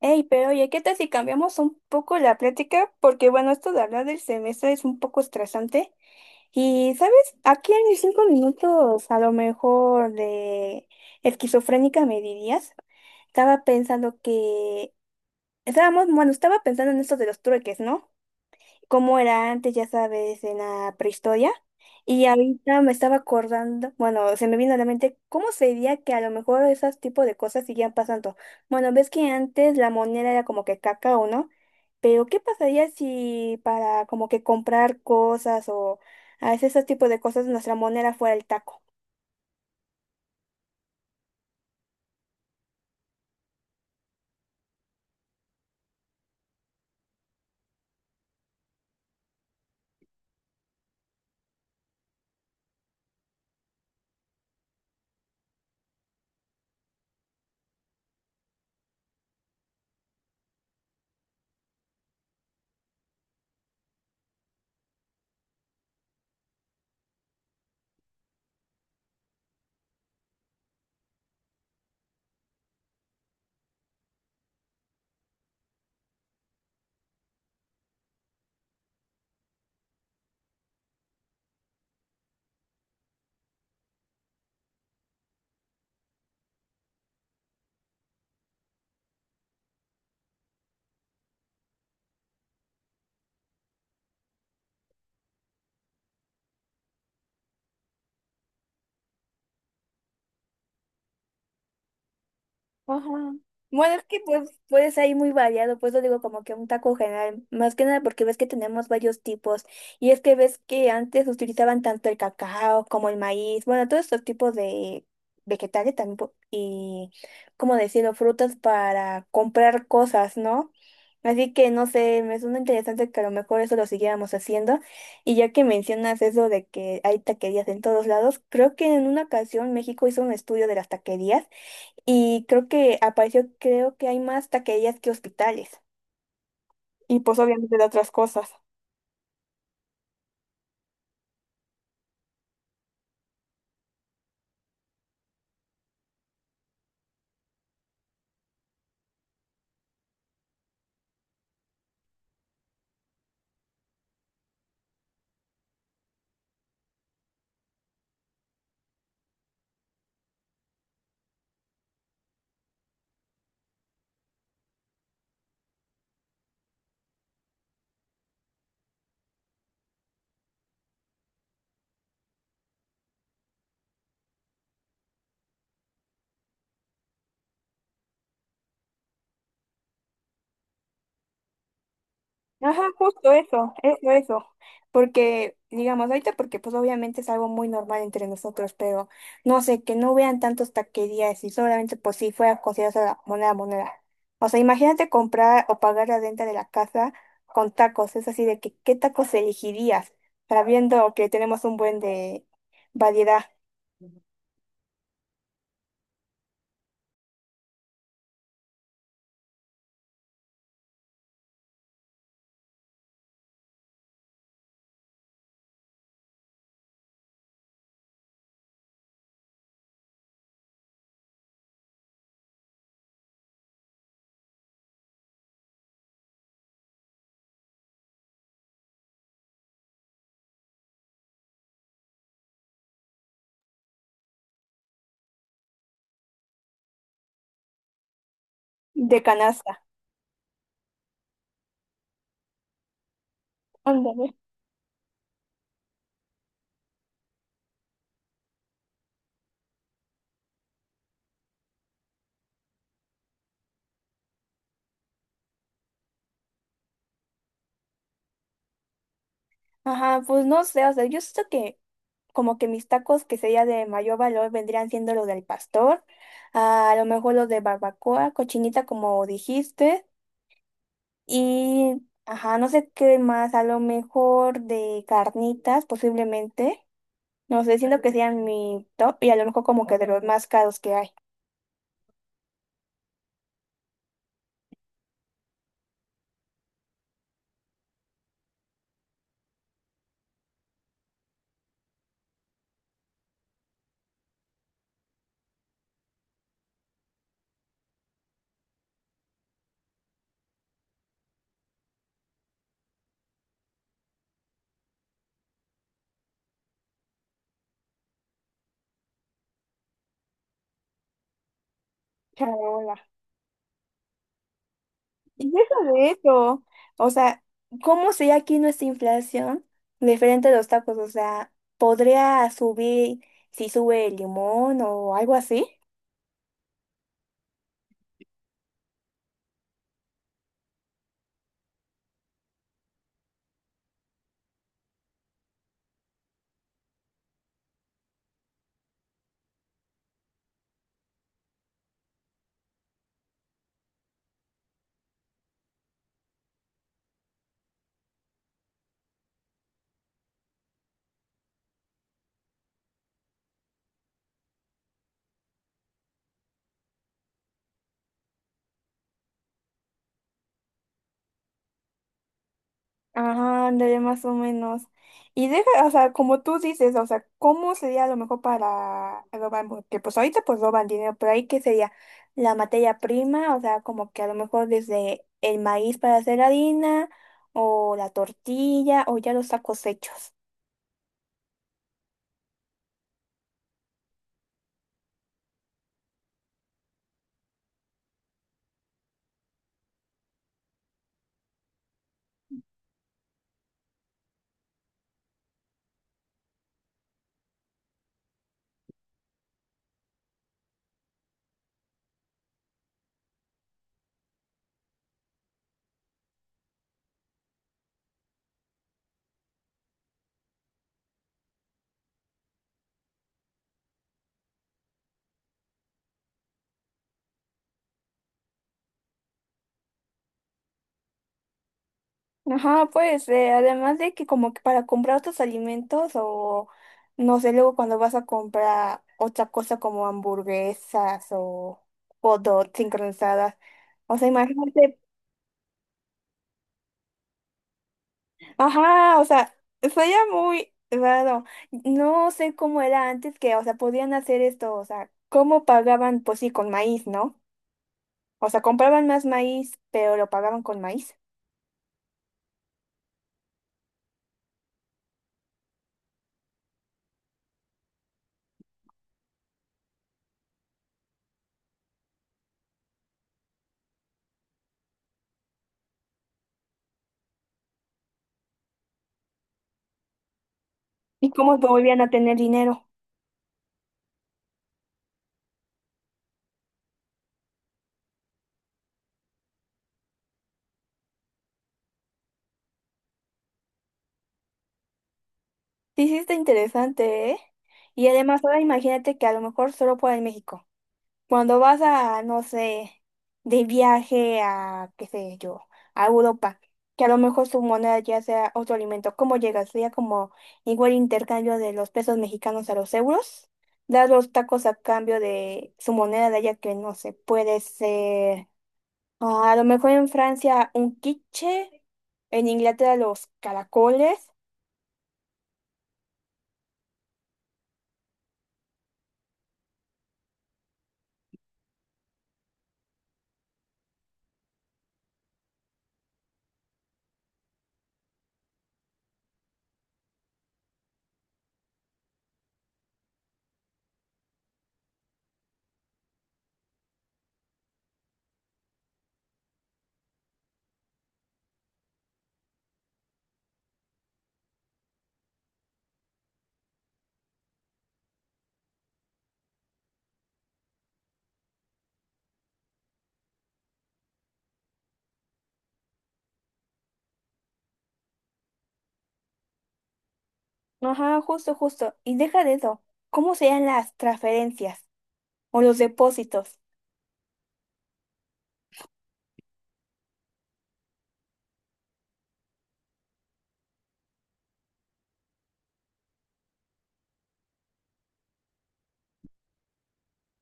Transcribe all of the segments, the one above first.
Ey, pero oye, ¿qué tal si cambiamos un poco la plática? Porque bueno, esto de hablar del semestre es un poco estresante. Y ¿sabes? Aquí en mis 5 minutos, a lo mejor de esquizofrénica me dirías. Estaba pensando que... estaba pensando en esto de los trueques, ¿no? Cómo era antes, ya sabes, en la prehistoria. Y ahorita me estaba acordando, bueno, se me vino a la mente cómo sería que a lo mejor esos tipos de cosas siguieran pasando. Bueno, ves que antes la moneda era como que cacao, ¿no? Pero ¿qué pasaría si para como que comprar cosas o a veces esos tipos de cosas nuestra moneda fuera el taco? Ajá. Bueno, es que pues puedes ahí muy variado, pues lo digo como que un taco general, más que nada porque ves que tenemos varios tipos, y es que ves que antes utilizaban tanto el cacao como el maíz, bueno, todos estos tipos de vegetales también po- y, como decirlo, frutas para comprar cosas, ¿no? Así que no sé, me suena interesante que a lo mejor eso lo siguiéramos haciendo. Y ya que mencionas eso de que hay taquerías en todos lados, creo que en una ocasión México hizo un estudio de las taquerías y creo que apareció, creo que hay más taquerías que hospitales. Y pues obviamente de otras cosas. Ajá, justo eso, eso, eso. Porque, digamos, ahorita porque pues obviamente es algo muy normal entre nosotros, pero no sé, que no vean tantas taquerías y solamente pues si fuera considerada la moneda moneda. O sea, imagínate comprar o pagar la renta de la casa con tacos. Es así de que, ¿qué tacos elegirías? Sabiendo que tenemos un buen de variedad de canasta. Ándale. Ajá, pues no sé, o sea, yo siento que como que mis tacos que sería de mayor valor vendrían siendo los del pastor, a lo mejor los de barbacoa, cochinita como dijiste, y ajá, no sé qué más, a lo mejor de carnitas posiblemente, no sé, siento que sean mi top y a lo mejor como que de los más caros que hay. Y deja de eso. O sea, ¿cómo sería aquí nuestra inflación diferente a los tacos? O sea, ¿podría subir si sube el limón o algo así? Ajá, ándale, más o menos. Y deja, o sea, como tú dices, o sea, ¿cómo sería lo mejor para robar? Porque pues ahorita pues roban dinero, pero ahí qué sería la materia prima, o sea, como que a lo mejor desde el maíz para hacer harina, o la tortilla, o ya los tacos hechos. Ajá, pues además de que como que para comprar otros alimentos o no sé, luego cuando vas a comprar otra cosa como hamburguesas o hot dogs sincronizadas, o sea, imagínate, ajá, o sea, sería muy raro, no sé cómo era antes que, o sea, podían hacer esto, o sea, cómo pagaban, pues sí, con maíz, ¿no? O sea, compraban más maíz, pero lo pagaban con maíz. ¿Y cómo volvían a tener dinero? Sí, sí, está interesante, ¿eh? Y además, ahora imagínate que a lo mejor solo fuera en México. Cuando vas a, no sé, de viaje a, qué sé yo, a Europa, que a lo mejor su moneda ya sea otro alimento, ¿cómo llegas? Sería como igual intercambio de los pesos mexicanos a los euros. Dar los tacos a cambio de su moneda de allá que no sé, puede ser. Ah, a lo mejor en Francia un quiche, en Inglaterra los caracoles. Ajá, justo, justo. Y deja de eso. ¿Cómo serían las transferencias o los depósitos?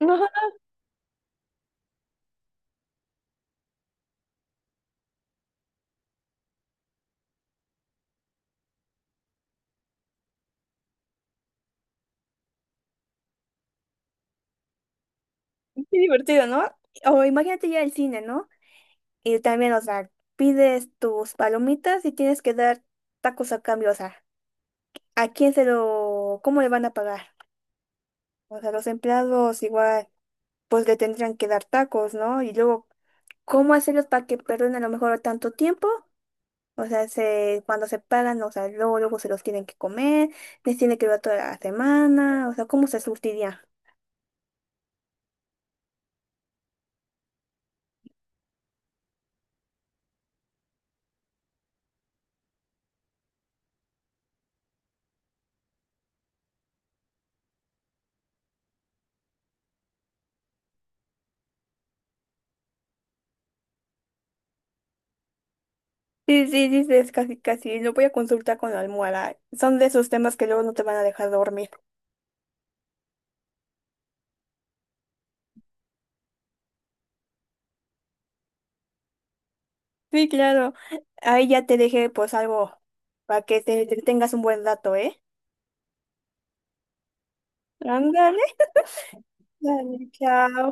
Ajá. Qué divertido, ¿no? O imagínate ya el cine, ¿no? Y también, o sea, pides tus palomitas y tienes que dar tacos a cambio, o sea, ¿a quién se lo, cómo le van a pagar? O sea, los empleados igual, pues le tendrían que dar tacos, ¿no? Y luego, ¿cómo hacerlos para que perdonen a lo mejor tanto tiempo? O sea, se, cuando se pagan, o sea, luego, luego se los tienen que comer, les tiene que dar toda la semana, o sea, ¿cómo se surtiría? Sí, sí, sí, sí, es casi, casi, lo voy a consultar con la almohada. Son de esos temas que luego no te van a dejar dormir. Sí, claro. Ahí ya te dejé pues algo para que te tengas un buen dato, ¿eh? Ándale, dale, chao.